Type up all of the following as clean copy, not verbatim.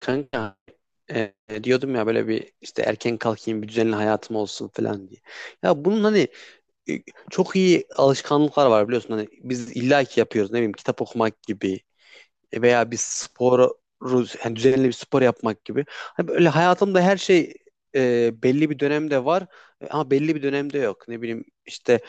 Kanka, e, diyordum ya böyle bir işte erken kalkayım, bir düzenli hayatım olsun falan diye. Ya bunun hani e, çok iyi alışkanlıklar var biliyorsun, hani biz illaki yapıyoruz, ne bileyim, kitap okumak gibi, veya bir sporu, yani düzenli bir spor yapmak gibi. Hani böyle hayatımda her şey belli bir dönemde var, ama belli bir dönemde yok. Ne bileyim işte,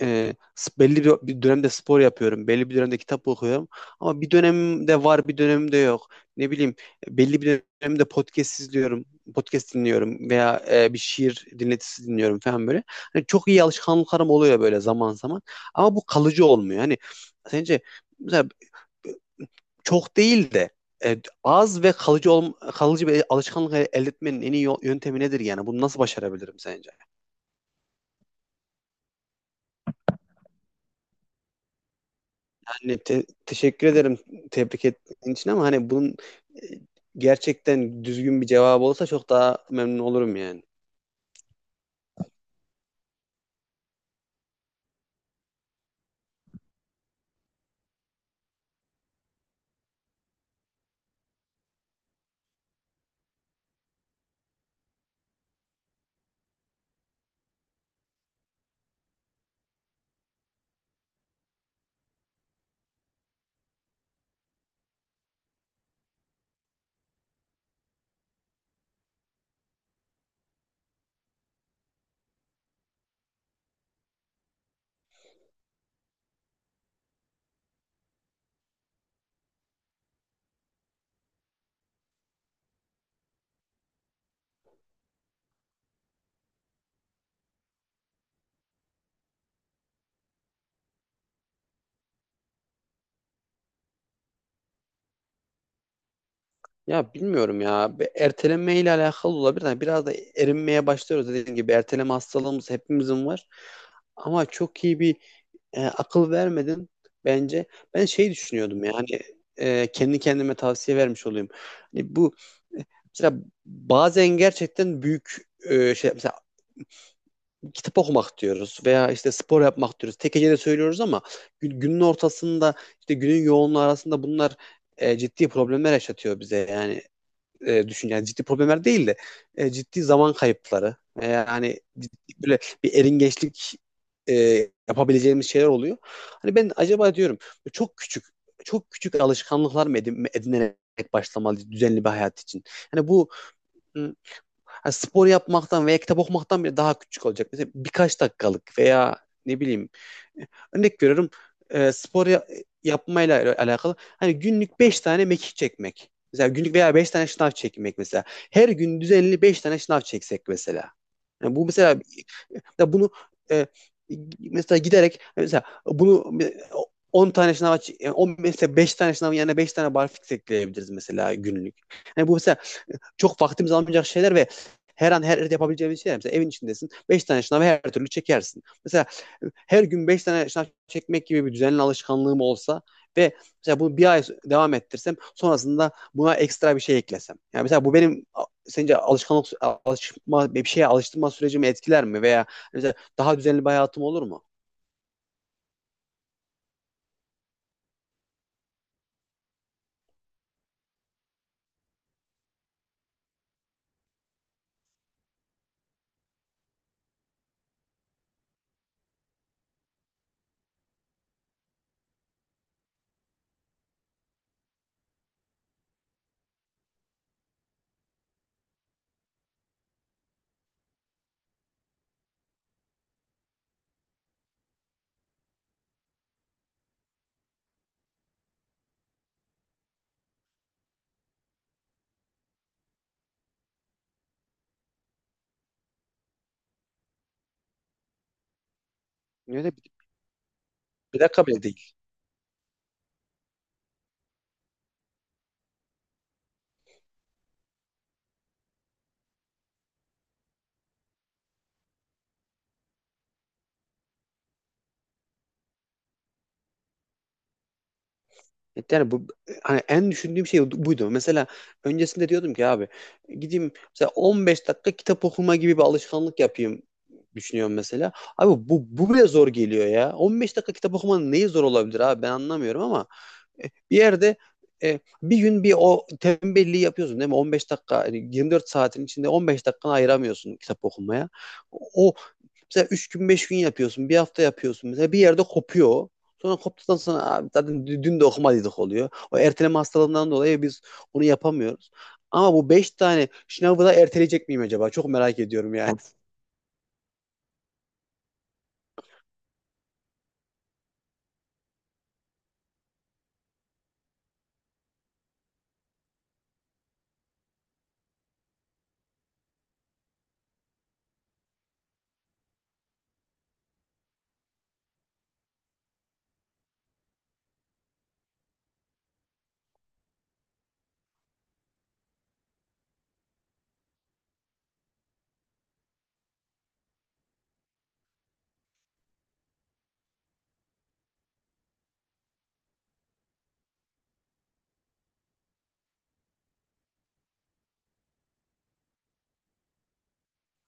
e, belli bir dönemde spor yapıyorum, belli bir dönemde kitap okuyorum, ama bir dönemimde var, bir dönemimde yok. Ne bileyim, belli bir dönemde podcast izliyorum, podcast dinliyorum veya bir şiir dinletisi dinliyorum falan böyle. Hani çok iyi alışkanlıklarım oluyor böyle zaman zaman ama bu kalıcı olmuyor. Hani sence mesela çok değil de az ve kalıcı bir alışkanlık elde etmenin en iyi yöntemi nedir yani? Bunu nasıl başarabilirim sence? Hani teşekkür ederim tebrik ettiğin için, ama hani bunun e, gerçekten düzgün bir cevabı olsa çok daha memnun olurum yani. Ya bilmiyorum ya. Bir erteleme ile alakalı olabilir. Yani biraz da erinmeye başlıyoruz. Dediğim gibi erteleme hastalığımız hepimizin var. Ama çok iyi bir akıl vermedin bence. Ben şey düşünüyordum yani, kendi kendime tavsiye vermiş olayım. Hani bu e, mesela bazen gerçekten büyük şey, mesela kitap okumak diyoruz veya işte spor yapmak diyoruz. Tek hecede söylüyoruz ama günün ortasında, işte günün yoğunluğu arasında bunlar ciddi problemler yaşatıyor bize. Yani düşün, yani ciddi problemler değil de ciddi zaman kayıpları, yani böyle bir eringeçlik e, yapabileceğimiz şeyler oluyor. Hani ben acaba diyorum, çok küçük, çok küçük alışkanlıklar mı edinerek başlamalı düzenli bir hayat için? Yani bu, m, hani spor yapmaktan veya kitap okumaktan bile daha küçük olacak. Mesela birkaç dakikalık veya, ne bileyim, örnek görüyorum, e, spor ya- yapmayla alakalı, hani günlük 5 tane mekik çekmek. Mesela günlük veya 5 tane şınav çekmek mesela. Her gün düzenli 5 tane şınav çeksek mesela. Yani bu mesela, ya bunu e, mesela giderek mesela bunu 10 tane şınava, 10 mesela 5 tane şınavın yerine 5 tane barfix ekleyebiliriz mesela günlük. Yani bu mesela çok vaktimiz almayacak şeyler ve her an her yerde yapabileceğimiz şeyler. Mesela evin içindesin. Beş tane şınav her türlü çekersin. Mesela her gün 5 tane şınav çekmek gibi bir düzenli alışkanlığım olsa ve mesela bunu bir ay devam ettirsem, sonrasında buna ekstra bir şey eklesem. Yani mesela bu benim, sence alışkanlık alışma bir şeye alıştırma sürecimi etkiler mi veya mesela daha düzenli bir hayatım olur mu? Öyle bir, Bir dakika bile değil. Evet, yani bu, hani en düşündüğüm şey buydu. Mesela öncesinde diyordum ki, abi gideyim mesela 15 dakika kitap okuma gibi bir alışkanlık yapayım düşünüyorum mesela. Abi bu bile zor geliyor ya. 15 dakika kitap okumanın neyi zor olabilir abi, ben anlamıyorum, ama e, bir yerde bir gün bir o tembelliği yapıyorsun değil mi? 15 dakika, yani 24 saatin içinde 15 dakikanı ayıramıyorsun kitap okumaya. O Mesela 3 gün 5 gün yapıyorsun. Bir hafta yapıyorsun. Mesela bir yerde kopuyor Sonra koptuktan sonra abi zaten dün de okumadıydık oluyor. O erteleme hastalığından dolayı biz onu yapamıyoruz. Ama bu 5 tane sınavı da erteleyecek miyim acaba? Çok merak ediyorum yani.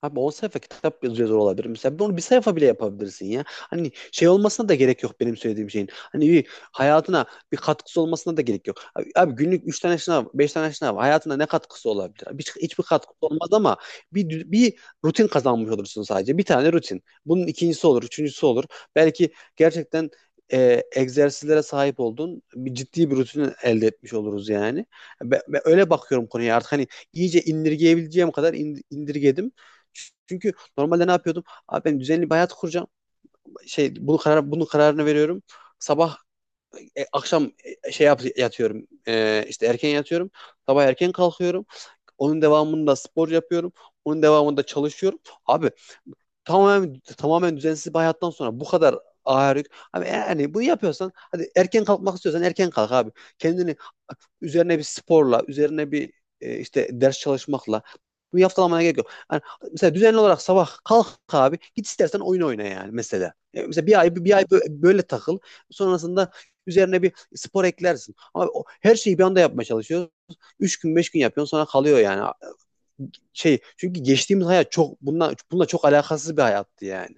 Abi 10 sayfa kitap yazıyor olabilir. Mesela bunu bir sayfa bile yapabilirsin ya. Hani şey olmasına da gerek yok benim söylediğim şeyin. Hani bir hayatına bir katkısı olmasına da gerek yok. Abi, abi, günlük 3 tane sınav, 5 tane sınav hayatına ne katkısı olabilir? Abi hiç, hiçbir katkısı olmaz ama bir rutin kazanmış olursun sadece. Bir tane rutin. Bunun ikincisi olur, üçüncüsü olur. Belki gerçekten egzersizlere sahip olduğun, bir ciddi bir rutin elde etmiş oluruz yani. Ben öyle bakıyorum konuya artık, hani iyice indirgeyebileceğim kadar indirgedim. Çünkü normalde ne yapıyordum? Abi ben düzenli bir hayat kuracağım. Bunun kararını veriyorum. Sabah akşam yatıyorum. İşte erken yatıyorum. Sabah erken kalkıyorum. Onun devamında spor yapıyorum. Onun devamında çalışıyorum. Abi tamamen düzensiz bir hayattan sonra bu kadar ağır yük. Abi yani bunu yapıyorsan, hadi erken kalkmak istiyorsan erken kalk abi. Kendini üzerine bir sporla, üzerine bir işte ders çalışmakla bunu yaftalamana gerek yok. Yani mesela düzenli olarak sabah kalk abi, git istersen oyun oyna yani mesela. E, mesela bir ay böyle takıl. Sonrasında üzerine bir spor eklersin. Ama her şeyi bir anda yapmaya çalışıyoruz. Üç gün beş gün yapıyorsun sonra kalıyor yani. Şey, çünkü geçtiğimiz hayat çok bununla çok alakasız bir hayattı yani.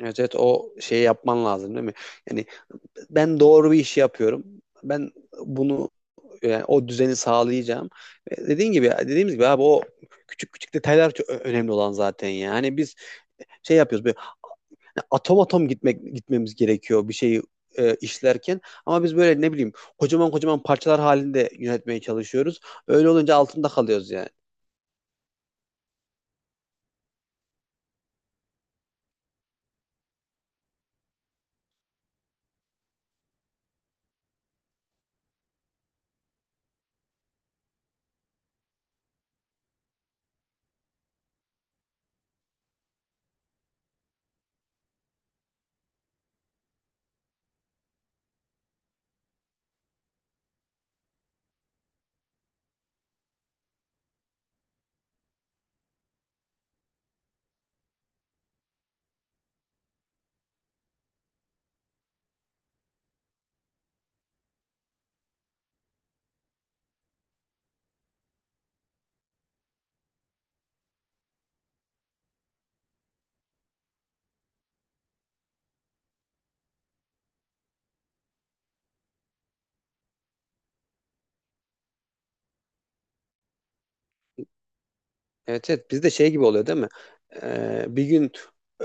Evet, evet, o şeyi yapman lazım değil mi? Yani ben doğru bir iş yapıyorum. Ben bunu, yani o düzeni sağlayacağım. Dediğin gibi dediğimiz gibi abi o küçük küçük detaylar çok önemli olan zaten yani. Biz şey yapıyoruz böyle, hani atom atom gitmemiz gerekiyor bir şeyi işlerken, ama biz böyle ne bileyim kocaman kocaman parçalar halinde yönetmeye çalışıyoruz. Öyle olunca altında kalıyoruz yani. Evet, evet, bizde şey gibi oluyor değil mi? Bir gün e,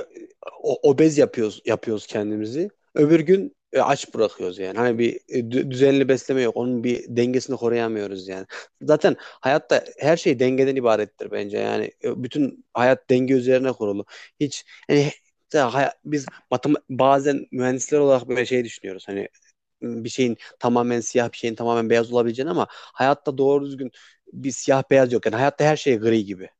obez yapıyoruz kendimizi. Öbür gün aç bırakıyoruz yani. Hani bir düzenli besleme yok. Onun bir dengesini koruyamıyoruz yani. Zaten hayatta her şey dengeden ibarettir bence. Yani bütün hayat denge üzerine kurulu. Hiç yani he- biz bazen mühendisler olarak böyle şey düşünüyoruz. Hani bir şeyin tamamen siyah, bir şeyin tamamen beyaz olabileceğini, ama hayatta doğru düzgün bir siyah beyaz yok. Yani hayatta her şey gri gibi.